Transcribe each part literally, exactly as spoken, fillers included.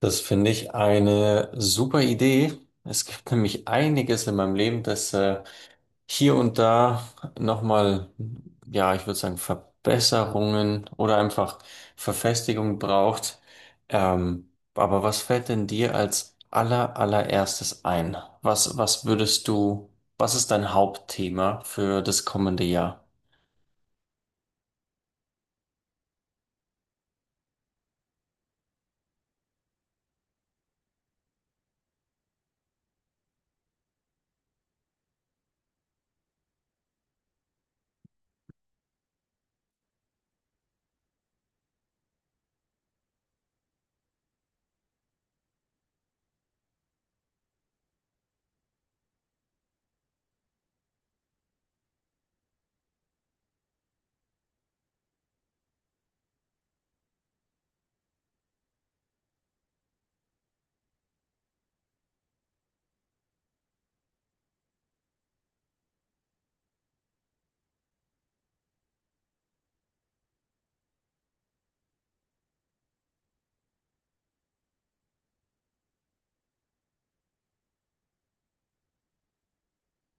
Das finde ich eine super Idee. Es gibt nämlich einiges in meinem Leben, das äh, hier und da nochmal, ja, ich würde sagen, Verbesserungen oder einfach Verfestigung braucht. Ähm, aber was fällt denn dir als aller, allererstes ein? Was, was würdest du, was ist dein Hauptthema für das kommende Jahr?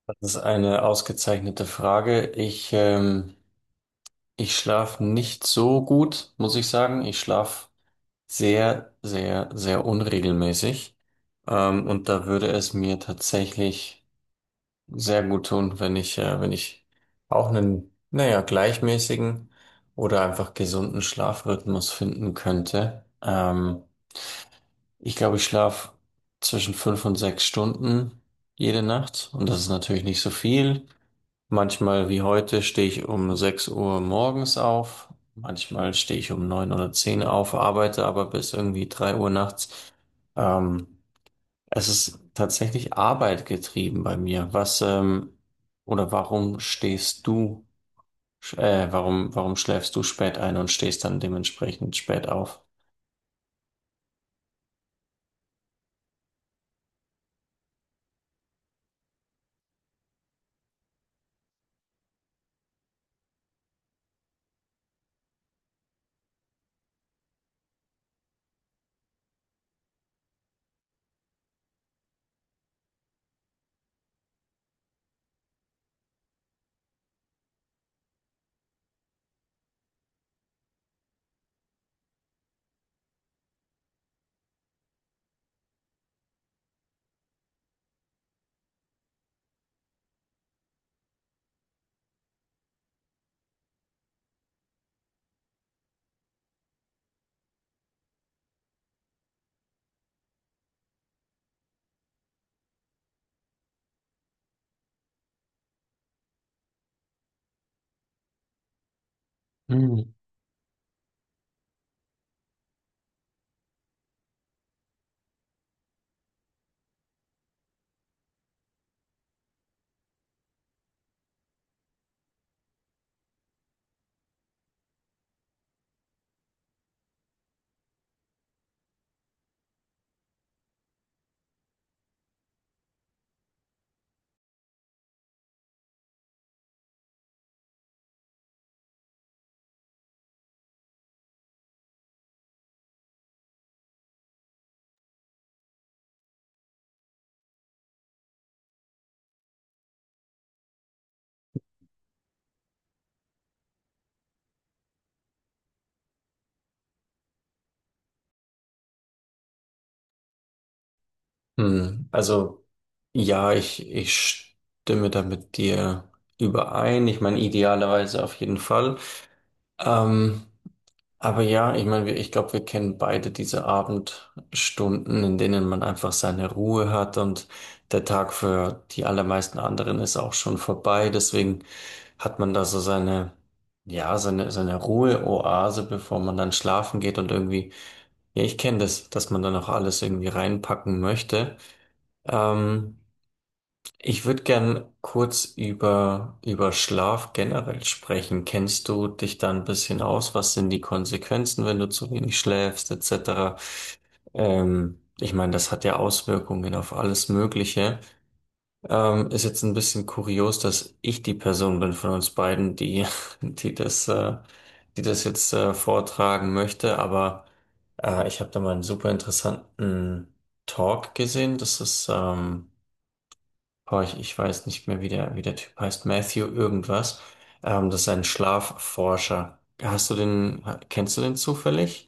Das ist eine ausgezeichnete Frage. Ich, ähm, Ich schlafe nicht so gut, muss ich sagen. Ich schlafe sehr, sehr, sehr unregelmäßig. Ähm, und da würde es mir tatsächlich sehr gut tun, wenn ich, äh, wenn ich auch einen, naja, gleichmäßigen oder einfach gesunden Schlafrhythmus finden könnte. Ähm, ich glaube, ich schlafe zwischen fünf und sechs Stunden jede Nacht. Und das ist natürlich nicht so viel. Manchmal wie heute stehe ich um sechs Uhr morgens auf, manchmal stehe ich um neun oder zehn auf, arbeite aber bis irgendwie drei Uhr nachts. Ähm, Es ist tatsächlich Arbeit getrieben bei mir. Was, ähm, oder warum stehst du, sch- äh, warum, warum schläfst du spät ein und stehst dann dementsprechend spät auf? Hm. Hm, also ja, ich, ich stimme da mit dir überein. Ich meine, idealerweise auf jeden Fall. Ähm, Aber ja, ich meine, wir- ich glaube, wir kennen beide diese Abendstunden, in denen man einfach seine Ruhe hat und der Tag für die allermeisten anderen ist auch schon vorbei. Deswegen hat man da so seine, ja, seine, seine Ruheoase, bevor man dann schlafen geht und irgendwie, ja, ich kenne das, dass man dann auch alles irgendwie reinpacken möchte. Ähm, Ich würde gern kurz über, über Schlaf generell sprechen. Kennst du dich da ein bisschen aus? Was sind die Konsequenzen, wenn du zu wenig schläfst, et cetera? Ähm, ich meine, das hat ja Auswirkungen auf alles Mögliche. Ähm, ist jetzt ein bisschen kurios, dass ich die Person bin von uns beiden, die, die das, äh, die das jetzt äh, vortragen möchte, aber äh, ich habe da mal einen super interessanten Talk gesehen. Das ist ähm, Boah, ich, ich weiß nicht mehr, wie der, wie der Typ heißt. Matthew irgendwas. Ähm, das ist ein Schlafforscher. Hast du den, ha- kennst du den zufällig?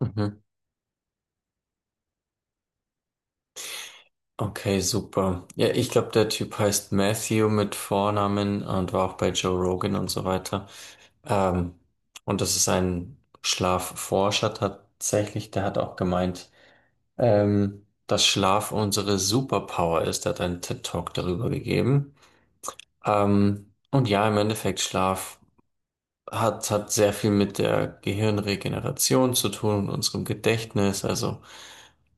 Mhm. Okay, super. Ja, ich glaube, der Typ heißt Matthew mit Vornamen und war auch bei Joe Rogan und so weiter. Ähm, und das ist ein Schlafforscher tatsächlich. Der hat auch gemeint, ähm, dass Schlaf unsere Superpower ist. Der hat einen TED-Talk darüber gegeben. Ähm, und ja, im Endeffekt Schlaf hat, hat sehr viel mit der Gehirnregeneration zu tun und unserem Gedächtnis. Also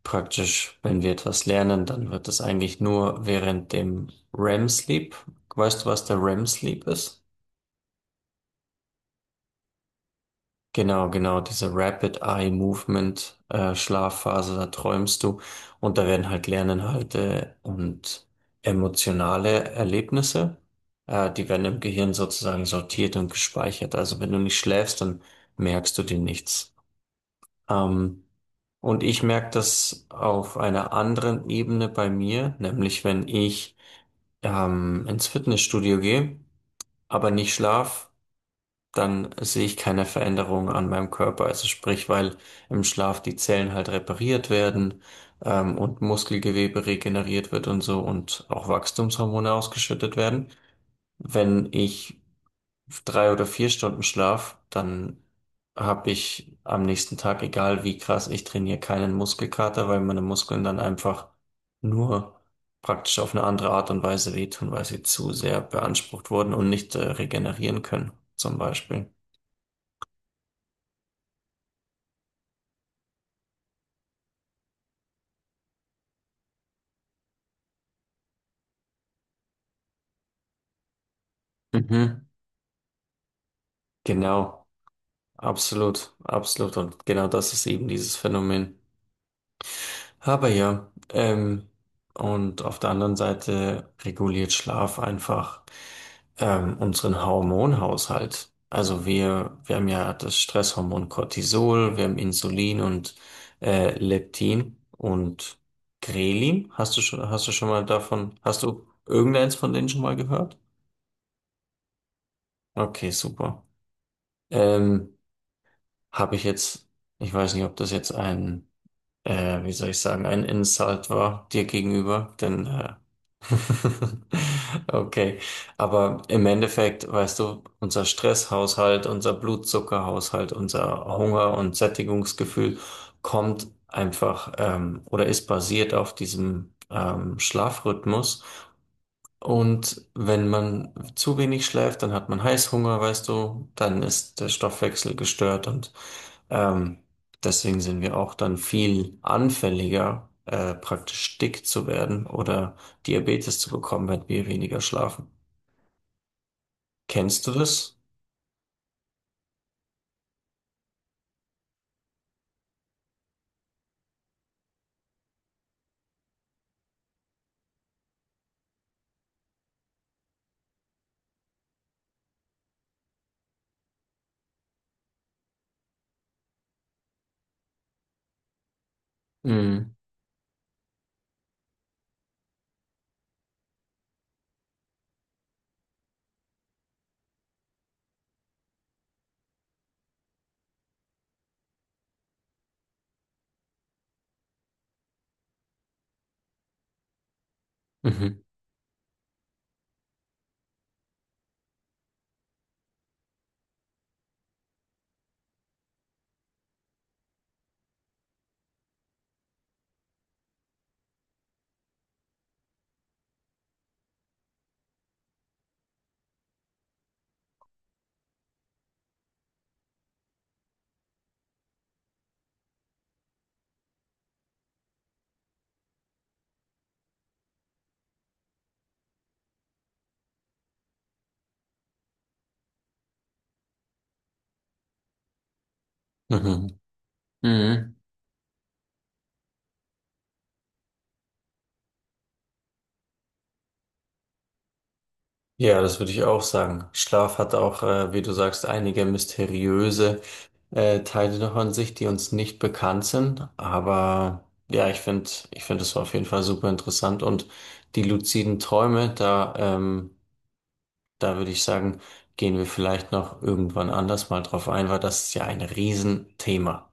praktisch, wenn wir etwas lernen, dann wird das eigentlich nur während dem REM-Sleep. Weißt du, was der REM-Sleep ist? Genau, genau, diese Rapid Eye Movement äh, Schlafphase, da träumst du und da werden halt Lerninhalte und emotionale Erlebnisse, äh, die werden im Gehirn sozusagen sortiert und gespeichert. Also wenn du nicht schläfst, dann merkst du dir nichts. Ähm, und ich merke das auf einer anderen Ebene bei mir, nämlich wenn ich ähm, ins Fitnessstudio gehe, aber nicht schlaf, dann sehe ich keine Veränderung an meinem Körper. Also sprich, weil im Schlaf die Zellen halt repariert werden, ähm, und Muskelgewebe regeneriert wird und so und auch Wachstumshormone ausgeschüttet werden. Wenn ich drei oder vier Stunden Schlaf, dann habe ich am nächsten Tag, egal wie krass ich trainiere, keinen Muskelkater, weil meine Muskeln dann einfach nur praktisch auf eine andere Art und Weise wehtun, weil sie zu sehr beansprucht wurden und nicht äh, regenerieren können, zum Beispiel. Mhm. Genau, absolut, absolut. Und genau das ist eben dieses Phänomen. Aber ja, ähm, und auf der anderen Seite reguliert Schlaf einfach ähm, unseren Hormonhaushalt. Also wir, wir haben ja das Stresshormon Cortisol, wir haben Insulin und äh, Leptin und Ghrelin. Hast du schon, hast du schon mal davon, hast du irgendeins von denen schon mal gehört? Okay, super. Ähm, habe ich jetzt, ich weiß nicht, ob das jetzt ein äh, wie soll ich sagen, ein Insult war dir gegenüber, denn äh, okay, aber im Endeffekt, weißt du, unser Stresshaushalt, unser Blutzuckerhaushalt, unser Hunger- und Sättigungsgefühl kommt einfach, ähm, oder ist basiert auf diesem ähm, Schlafrhythmus und wenn man zu wenig schläft, dann hat man Heißhunger, weißt du, dann ist der Stoffwechsel gestört und ähm, deswegen sind wir auch dann viel anfälliger, äh, praktisch dick zu werden oder Diabetes zu bekommen, wenn wir weniger schlafen. Kennst du das? Mhm. Mhm. Mhm. Mhm. Ja, das würde ich auch sagen. Schlaf hat auch, äh, wie du sagst, einige mysteriöse äh, Teile davon sich, die uns nicht bekannt sind. Aber ja, ich finde, ich finde, es war auf jeden Fall super interessant. Und die luziden Träume, da, ähm, da würde ich sagen, gehen wir vielleicht noch irgendwann anders mal drauf ein, weil das ist ja ein Riesenthema.